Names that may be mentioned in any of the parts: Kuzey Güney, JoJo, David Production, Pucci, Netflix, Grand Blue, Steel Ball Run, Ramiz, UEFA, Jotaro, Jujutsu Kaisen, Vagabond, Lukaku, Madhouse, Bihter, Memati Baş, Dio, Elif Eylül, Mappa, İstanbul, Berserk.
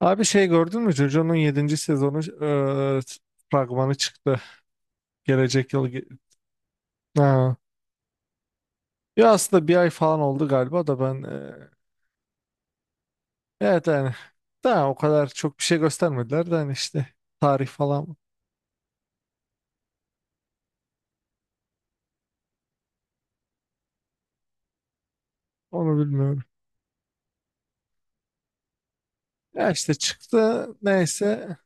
Abi şey gördün mü? JoJo'nun yedinci sezonu e, fragmanı çıktı. Gelecek yıl. Ha. Ya aslında bir ay falan oldu galiba da ben evet yani daha o kadar çok bir şey göstermediler de hani işte tarih falan onu bilmiyorum. Ya işte çıktı neyse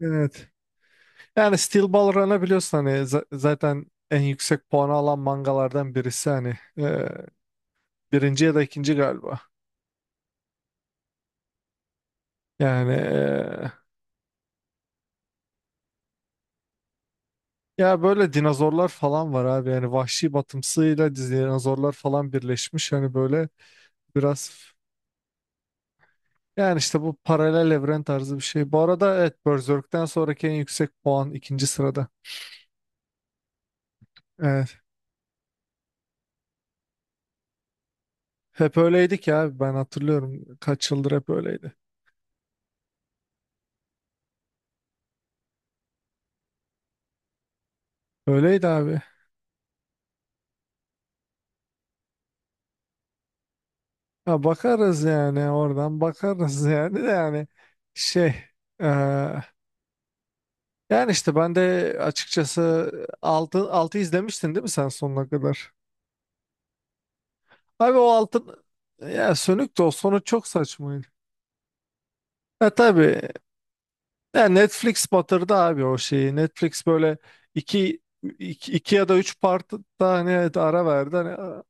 evet. Yani Steel Ball Run'a biliyorsun hani zaten en yüksek puanı alan mangalardan birisi hani birinci ya da ikinci galiba. Yani ya böyle dinozorlar falan var abi. Yani vahşi batımsıyla dinozorlar falan birleşmiş. Hani böyle biraz yani işte bu paralel evren tarzı bir şey. Bu arada evet Berserk'ten sonraki en yüksek puan ikinci sırada. Evet. Hep öyleydi ki abi ben hatırlıyorum. Kaç yıldır hep öyleydi. Öyleydi abi. Ha, bakarız yani oradan bakarız yani de yani şey eee, yani işte ben de açıkçası altı izlemiştin değil mi sen sonuna kadar? Abi o altın ya sönük de o sonu çok saçmaydı. E tabii ya Netflix batırdı abi o şeyi. Netflix böyle iki, iki ya da üç part da hani evet ara verdi. Hani,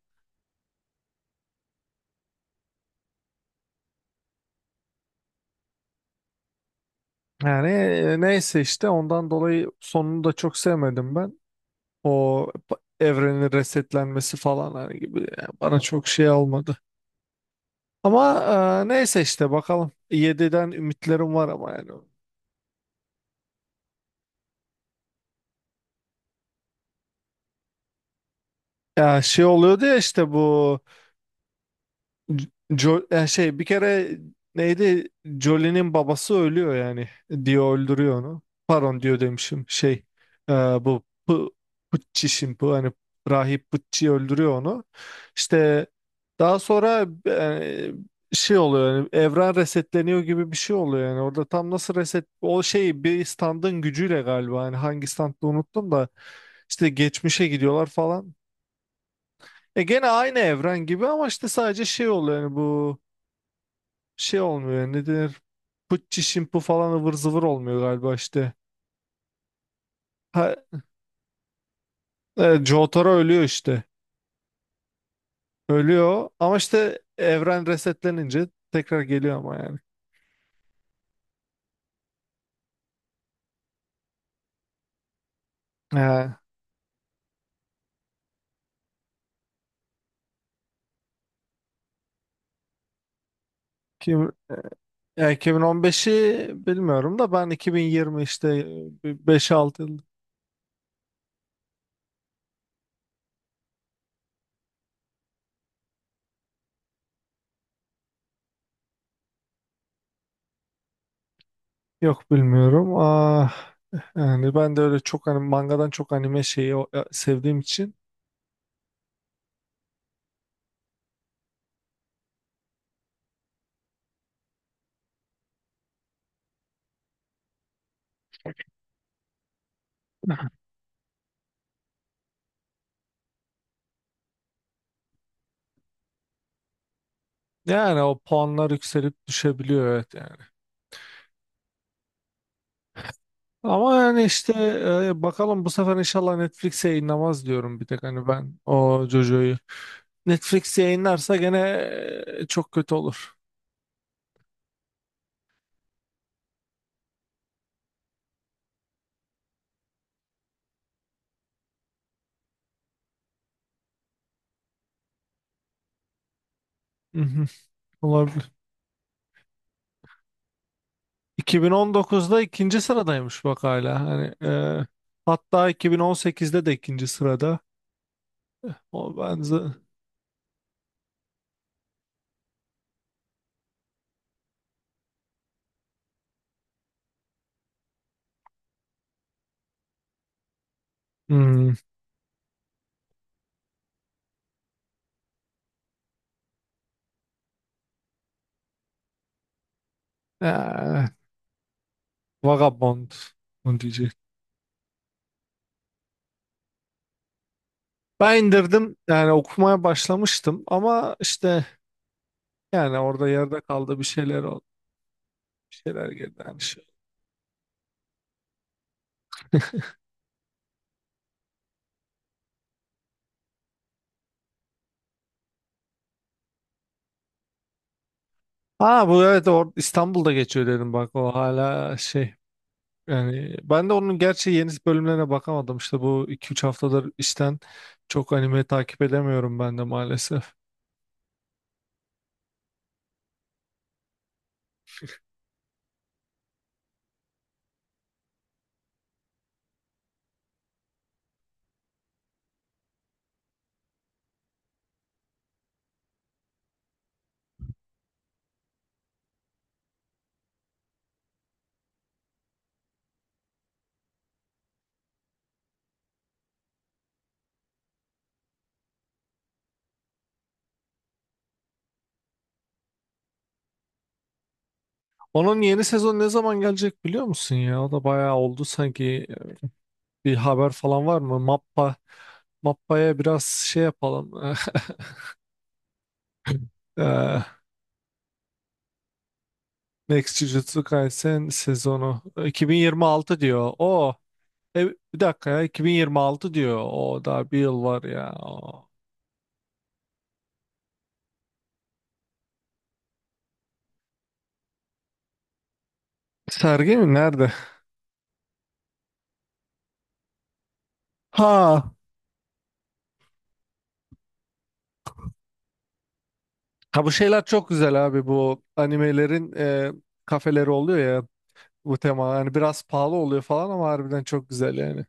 yani neyse işte ondan dolayı sonunu da çok sevmedim ben. O evrenin resetlenmesi falan hani gibi yani bana çok şey olmadı. Ama neyse işte bakalım. Yediden ümitlerim var ama yani. Ya şey oluyordu ya işte bu şey bir kere neydi? Jolie'nin babası ölüyor yani. Dio öldürüyor onu. Pardon Dio demişim. Şey bu Pu- Pucci şimdi bu hani rahip Pucci öldürüyor onu. İşte daha sonra şey oluyor yani evren resetleniyor gibi bir şey oluyor yani. Orada tam nasıl reset o şey bir standın gücüyle galiba hani hangi standı unuttum da işte geçmişe gidiyorlar falan. E gene aynı evren gibi ama işte sadece şey oluyor yani bu şey olmuyor yani ne denir pıtçı şimpu falan ıvır zıvır olmuyor galiba işte. Ha, Jotaro ölüyor işte. Ölüyor ama işte evren resetlenince tekrar geliyor ama yani. Ee, kim, ya 2015'i bilmiyorum da ben 2020 işte beş altı yıl yok bilmiyorum. Ah, yani ben de öyle çok hani mangadan çok anime şeyi sevdiğim için yani o puanlar yükselip düşebiliyor evet yani. Ama yani işte bakalım bu sefer inşallah Netflix yayınlamaz diyorum bir tek hani ben o Jojo'yu. Netflix yayınlarsa gene çok kötü olur. Mhm. Olabilir. 2019'da ikinci sıradaymış bak hala. Hani e, hatta 2018'de de ikinci sırada. O ben z- Hmm. Ee, Vagabond onu diyecek. Ben indirdim yani okumaya başlamıştım ama işte yani orada yerde kaldı bir şeyler oldu. Bir şeyler geldi yani şey. Ha bu evet İstanbul'da geçiyor dedim bak o hala şey yani ben de onun gerçi yeni bölümlerine bakamadım işte bu iki üç haftadır işten çok anime takip edemiyorum ben de maalesef. Onun yeni sezon ne zaman gelecek biliyor musun ya? O da bayağı oldu sanki bir haber falan var mı? Mappa'ya biraz şey yapalım. Eee, Next Jujutsu Kaisen sezonu 2026 diyor. O e, bir dakika ya 2026 diyor. O daha bir yıl var ya. Oo. Sergi mi? Nerede? Ha. Ha, bu şeyler çok güzel abi bu animelerin kafeleri oluyor ya bu tema. Yani biraz pahalı oluyor falan ama harbiden çok güzel yani.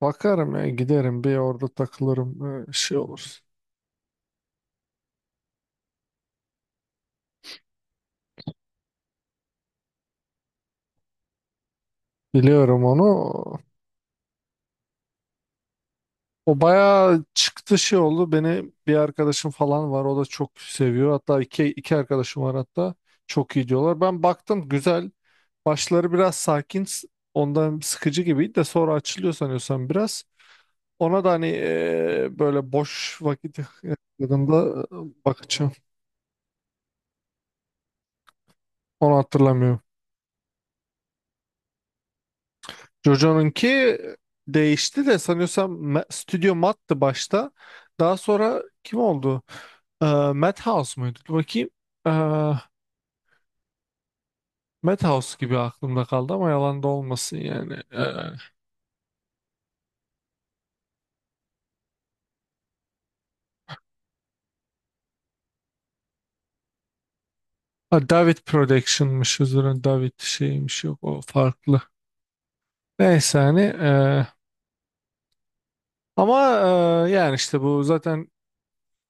Bakarım ya giderim bir orada takılırım şey olur. Biliyorum onu. O bayağı çıktı şey oldu. Beni bir arkadaşım falan var. O da çok seviyor. Hatta iki arkadaşım var hatta. Çok iyi diyorlar. Ben baktım güzel. Başları biraz sakin. Ondan sıkıcı gibiydi de sonra açılıyor sanıyorsam biraz. Ona da hani böyle boş vakit yakaladığımda bakacağım. Onu hatırlamıyorum. Jojo'nunki değişti de sanıyorsam Studio Matt'tı başta. Daha sonra kim oldu? Eee Madhouse muydu? Dur bakayım. Madhouse gibi aklımda kaldı ama yalan da olmasın yani. Ha, David Production'mış özür dilerim, David şeymiş yok o farklı. Neyse hani ama yani işte bu zaten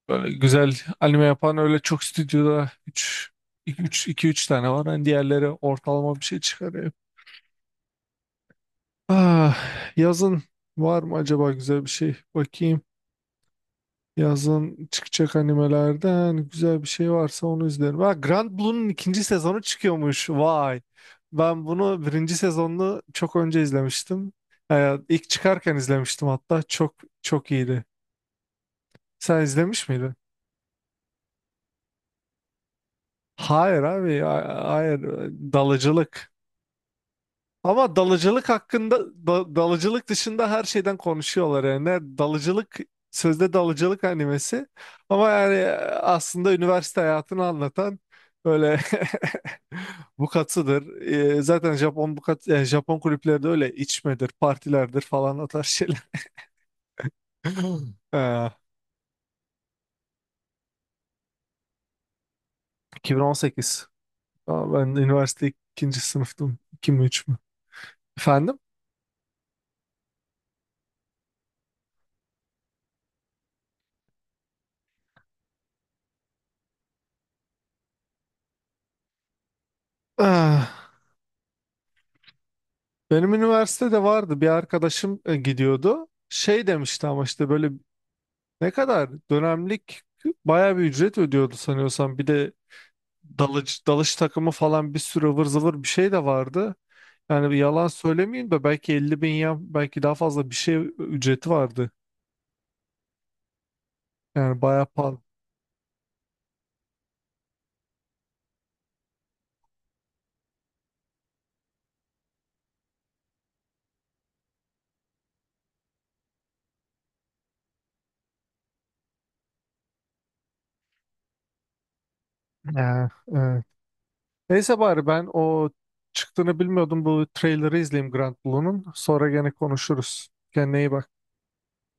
böyle güzel anime yapan öyle çok stüdyoda üç iki üç tane var. Hani diğerleri ortalama bir şey çıkarıyor. Ah, yazın var mı acaba güzel bir şey? Bakayım. Yazın çıkacak animelerden güzel bir şey varsa onu izlerim. Ha, Grand Blue'nun ikinci sezonu çıkıyormuş. Vay. Ben bunu birinci sezonunu çok önce izlemiştim. İlk çıkarken izlemiştim hatta. Çok çok iyiydi. Sen izlemiş miydin? Hayır abi. Hayır. Dalıcılık. Ama dalıcılık hakkında dalıcılık dışında her şeyden konuşuyorlar yani. Dalıcılık sözde dalıcılık animesi ama yani aslında üniversite hayatını anlatan böyle bukatıdır. Zaten Japon bukat yani Japon kulüpleri de öyle içmedir, partilerdir falan o tarz şeyler. E, 2018. Aa, ben üniversite ikinci sınıftım. 2 mi 3 mü? Efendim? Ah. Benim üniversitede vardı bir arkadaşım gidiyordu. Şey demişti ama işte böyle ne kadar dönemlik bayağı bir ücret ödüyordu sanıyorsam. Bir de dalış takımı falan bir sürü ıvır zıvır bir şey de vardı. Yani bir yalan söylemeyeyim de belki 50.000 ya belki daha fazla bir şey ücreti vardı. Yani bayağı pahalı. Ya, evet. Neyse bari ben o çıktığını bilmiyordum bu trailer'ı izleyeyim Grand Blue'nun. Sonra gene konuşuruz. Kendine iyi bak.